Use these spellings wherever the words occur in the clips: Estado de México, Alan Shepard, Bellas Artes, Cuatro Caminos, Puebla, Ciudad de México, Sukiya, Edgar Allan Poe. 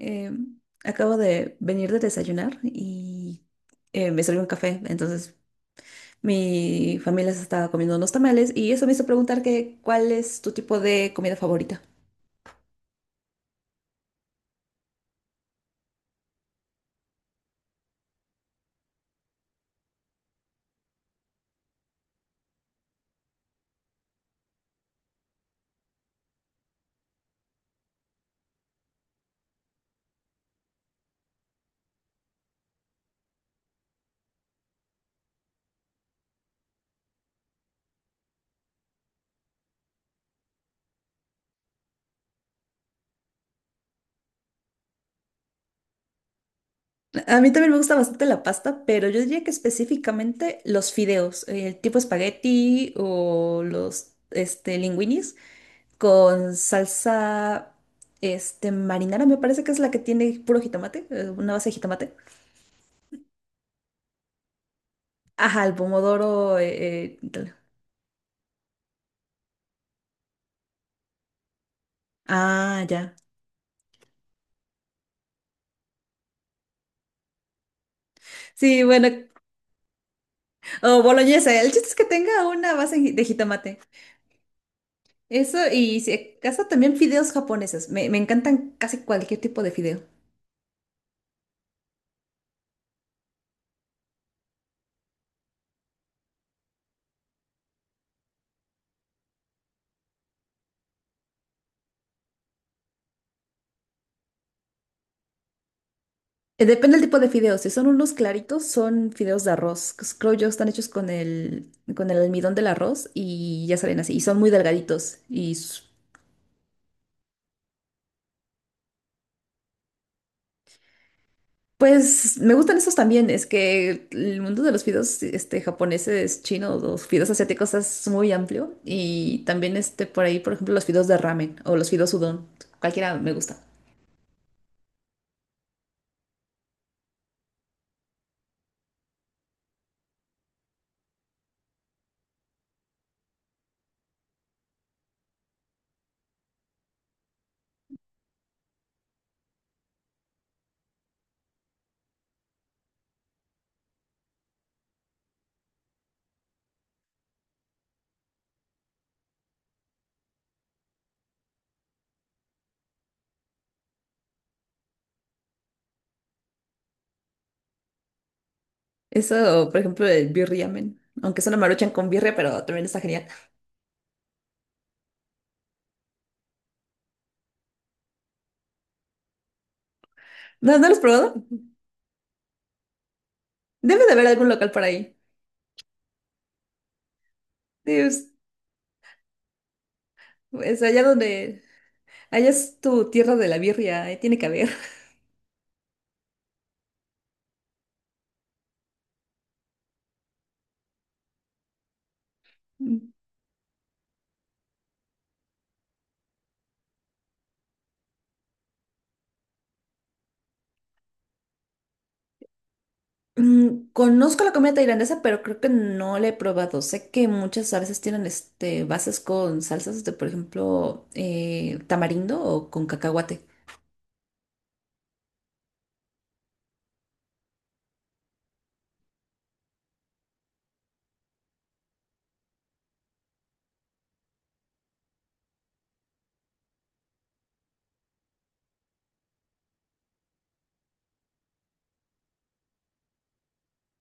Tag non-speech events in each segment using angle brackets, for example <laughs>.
Eh, Acabo de venir de desayunar y me salió un café. Entonces, mi familia se estaba comiendo unos tamales y eso me hizo preguntar que, ¿cuál es tu tipo de comida favorita? A mí también me gusta bastante la pasta, pero yo diría que específicamente los fideos, tipo espagueti o los linguinis con salsa marinara, me parece que es la que tiene puro jitomate, una base de jitomate. Ajá, el pomodoro. Tal. Ah, ya. Sí, bueno, o boloñesa. El chiste es que tenga una base de jitomate. Eso, y si acaso también fideos japoneses. Me encantan casi cualquier tipo de fideo. Depende del tipo de fideos. Si son unos claritos, son fideos de arroz. Creo yo están hechos con con el almidón del arroz y ya salen así. Y son muy delgaditos y pues me gustan esos también, es que el mundo de los fideos japoneses, chinos, los fideos asiáticos es muy amplio y también por ahí, por ejemplo, los fideos de ramen o los fideos udon, cualquiera me gusta. Eso, por ejemplo, el birriamen, aunque es una maruchan con birria, pero también está genial. ¿No, no lo has probado? Debe de haber algún local por ahí. Sí, es allá donde, allá es tu tierra de la birria, ahí tiene que haber. Mm, conozco la comida tailandesa, pero creo que no la he probado. Sé que muchas a veces tienen bases con salsas de, por ejemplo, tamarindo o con cacahuate.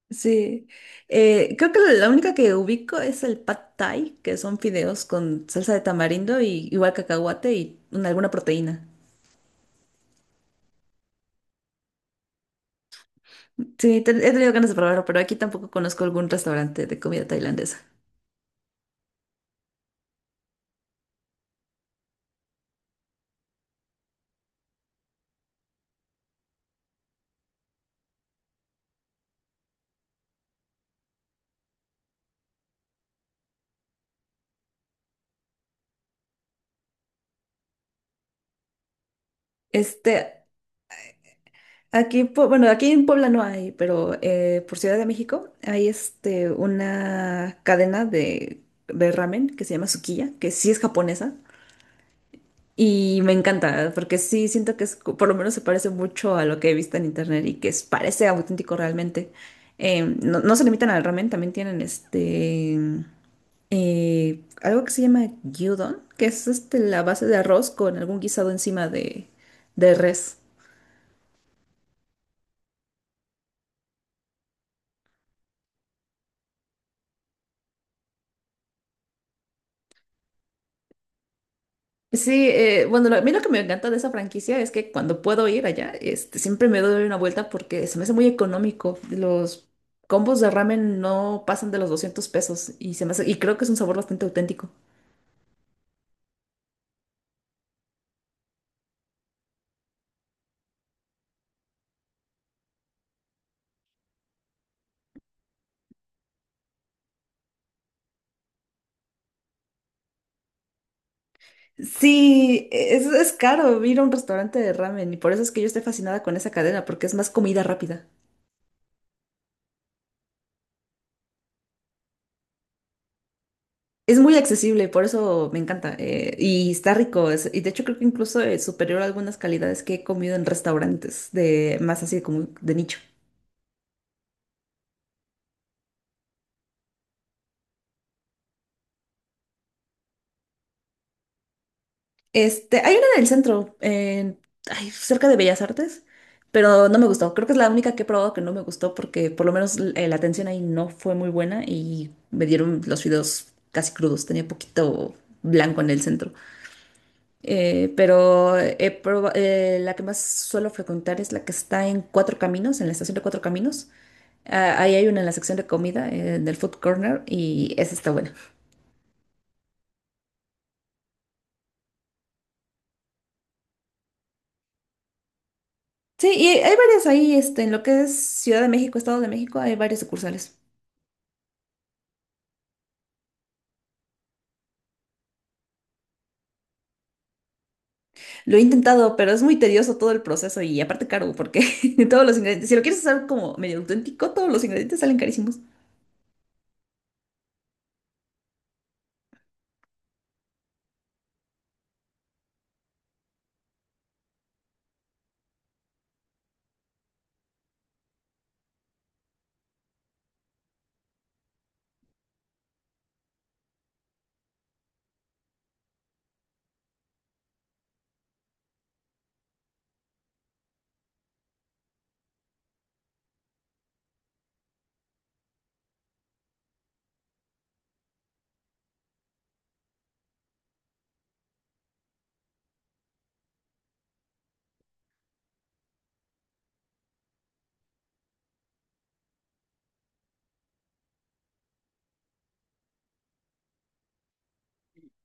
Sí, creo que la única que ubico es el pad thai, que son fideos con salsa de tamarindo y igual cacahuate y alguna proteína. Sí, he tenido ganas de probarlo, pero aquí tampoco conozco algún restaurante de comida tailandesa. Este, Aquí, en bueno, aquí en Puebla no hay, pero por Ciudad de México hay una cadena de ramen que se llama Sukiya, que sí es japonesa. Y me encanta, porque sí siento que es, por lo menos se parece mucho a lo que he visto en internet y que parece auténtico realmente. No se limitan al ramen, también tienen algo que se llama gyudon, que es la base de arroz con algún guisado encima de res. Sí, bueno, a mí lo que me encanta de esa franquicia es que cuando puedo ir allá, siempre me doy una vuelta porque se me hace muy económico. Los combos de ramen no pasan de los 200 pesos y se me y creo que es un sabor bastante auténtico. Sí, es caro ir a un restaurante de ramen y por eso es que yo estoy fascinada con esa cadena porque es más comida rápida. Es muy accesible, por eso me encanta, y está rico. Y de hecho creo que incluso es superior a algunas calidades que he comido en restaurantes de más así como de nicho. Hay una en el centro, ay, cerca de Bellas Artes, pero no me gustó. Creo que es la única que he probado que no me gustó porque por lo menos la atención ahí no fue muy buena y me dieron los fideos casi crudos. Tenía poquito blanco en el centro. La que más suelo frecuentar es la que está en Cuatro Caminos, en la estación de Cuatro Caminos. Ah, ahí hay una en la sección de comida, en el food corner, y esa está buena. Sí, y hay varias ahí, en lo que es Ciudad de México, Estado de México, hay varias sucursales. Lo he intentado, pero es muy tedioso todo el proceso y aparte caro, porque <laughs> todos los ingredientes, si lo quieres hacer como medio auténtico, todos los ingredientes salen carísimos.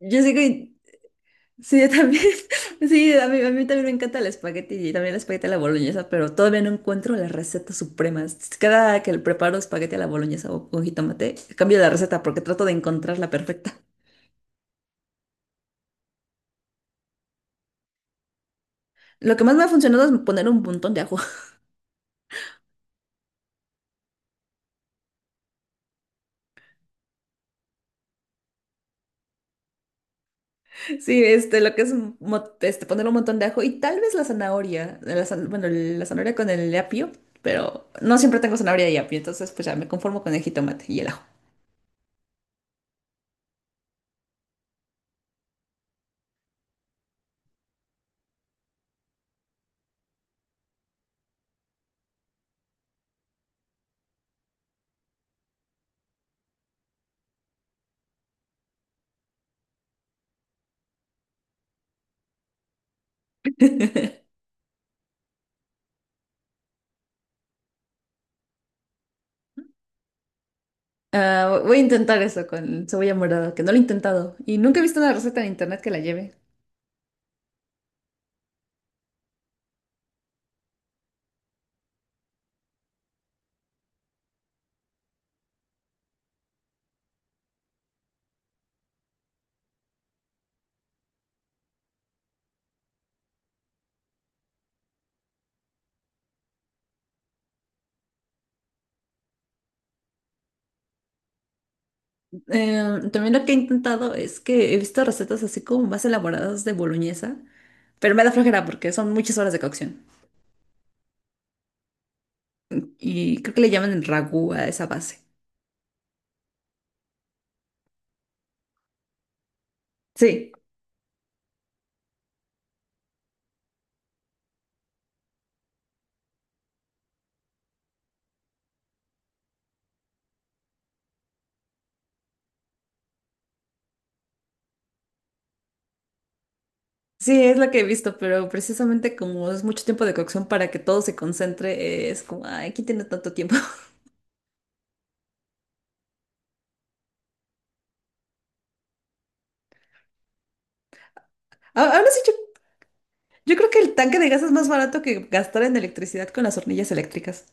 Yo sé que, sí, yo también, <laughs> sí, a mí también me encanta el espagueti y también el espagueti a la boloñesa, pero todavía no encuentro la receta suprema. Cada que le preparo espagueti a la boloñesa o con jitomate, cambio la receta porque trato de encontrar la perfecta. Lo que más me ha funcionado es poner un montón de ajo. Sí, este, lo que es mo- este, poner un montón de ajo y tal vez la zanahoria, bueno, la zanahoria con el apio, pero no siempre tengo zanahoria y apio, entonces pues ya me conformo con el jitomate y el ajo. <laughs> Ah, voy a intentar eso con cebolla morada, que no lo he intentado y nunca he visto una receta en internet que la lleve. También lo que he intentado es que he visto recetas así como más elaboradas de boloñesa, pero me da flojera porque son muchas horas de cocción y creo que le llaman el ragú a esa base. Sí. Sí, es lo que he visto, pero precisamente como es mucho tiempo de cocción para que todo se concentre, es como, ay, ¿quién tiene tanto tiempo? <laughs> A- Ahora sí, yo, yo creo que el tanque de gas es más barato que gastar en electricidad con las hornillas eléctricas.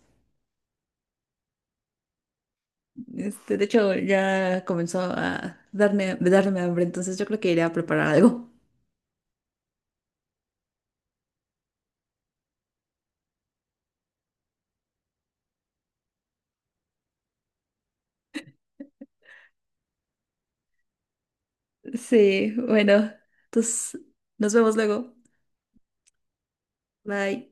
De hecho, ya comenzó a darme hambre, entonces yo creo que iré a preparar algo. <laughs> Sí, bueno, entonces nos vemos luego. Bye.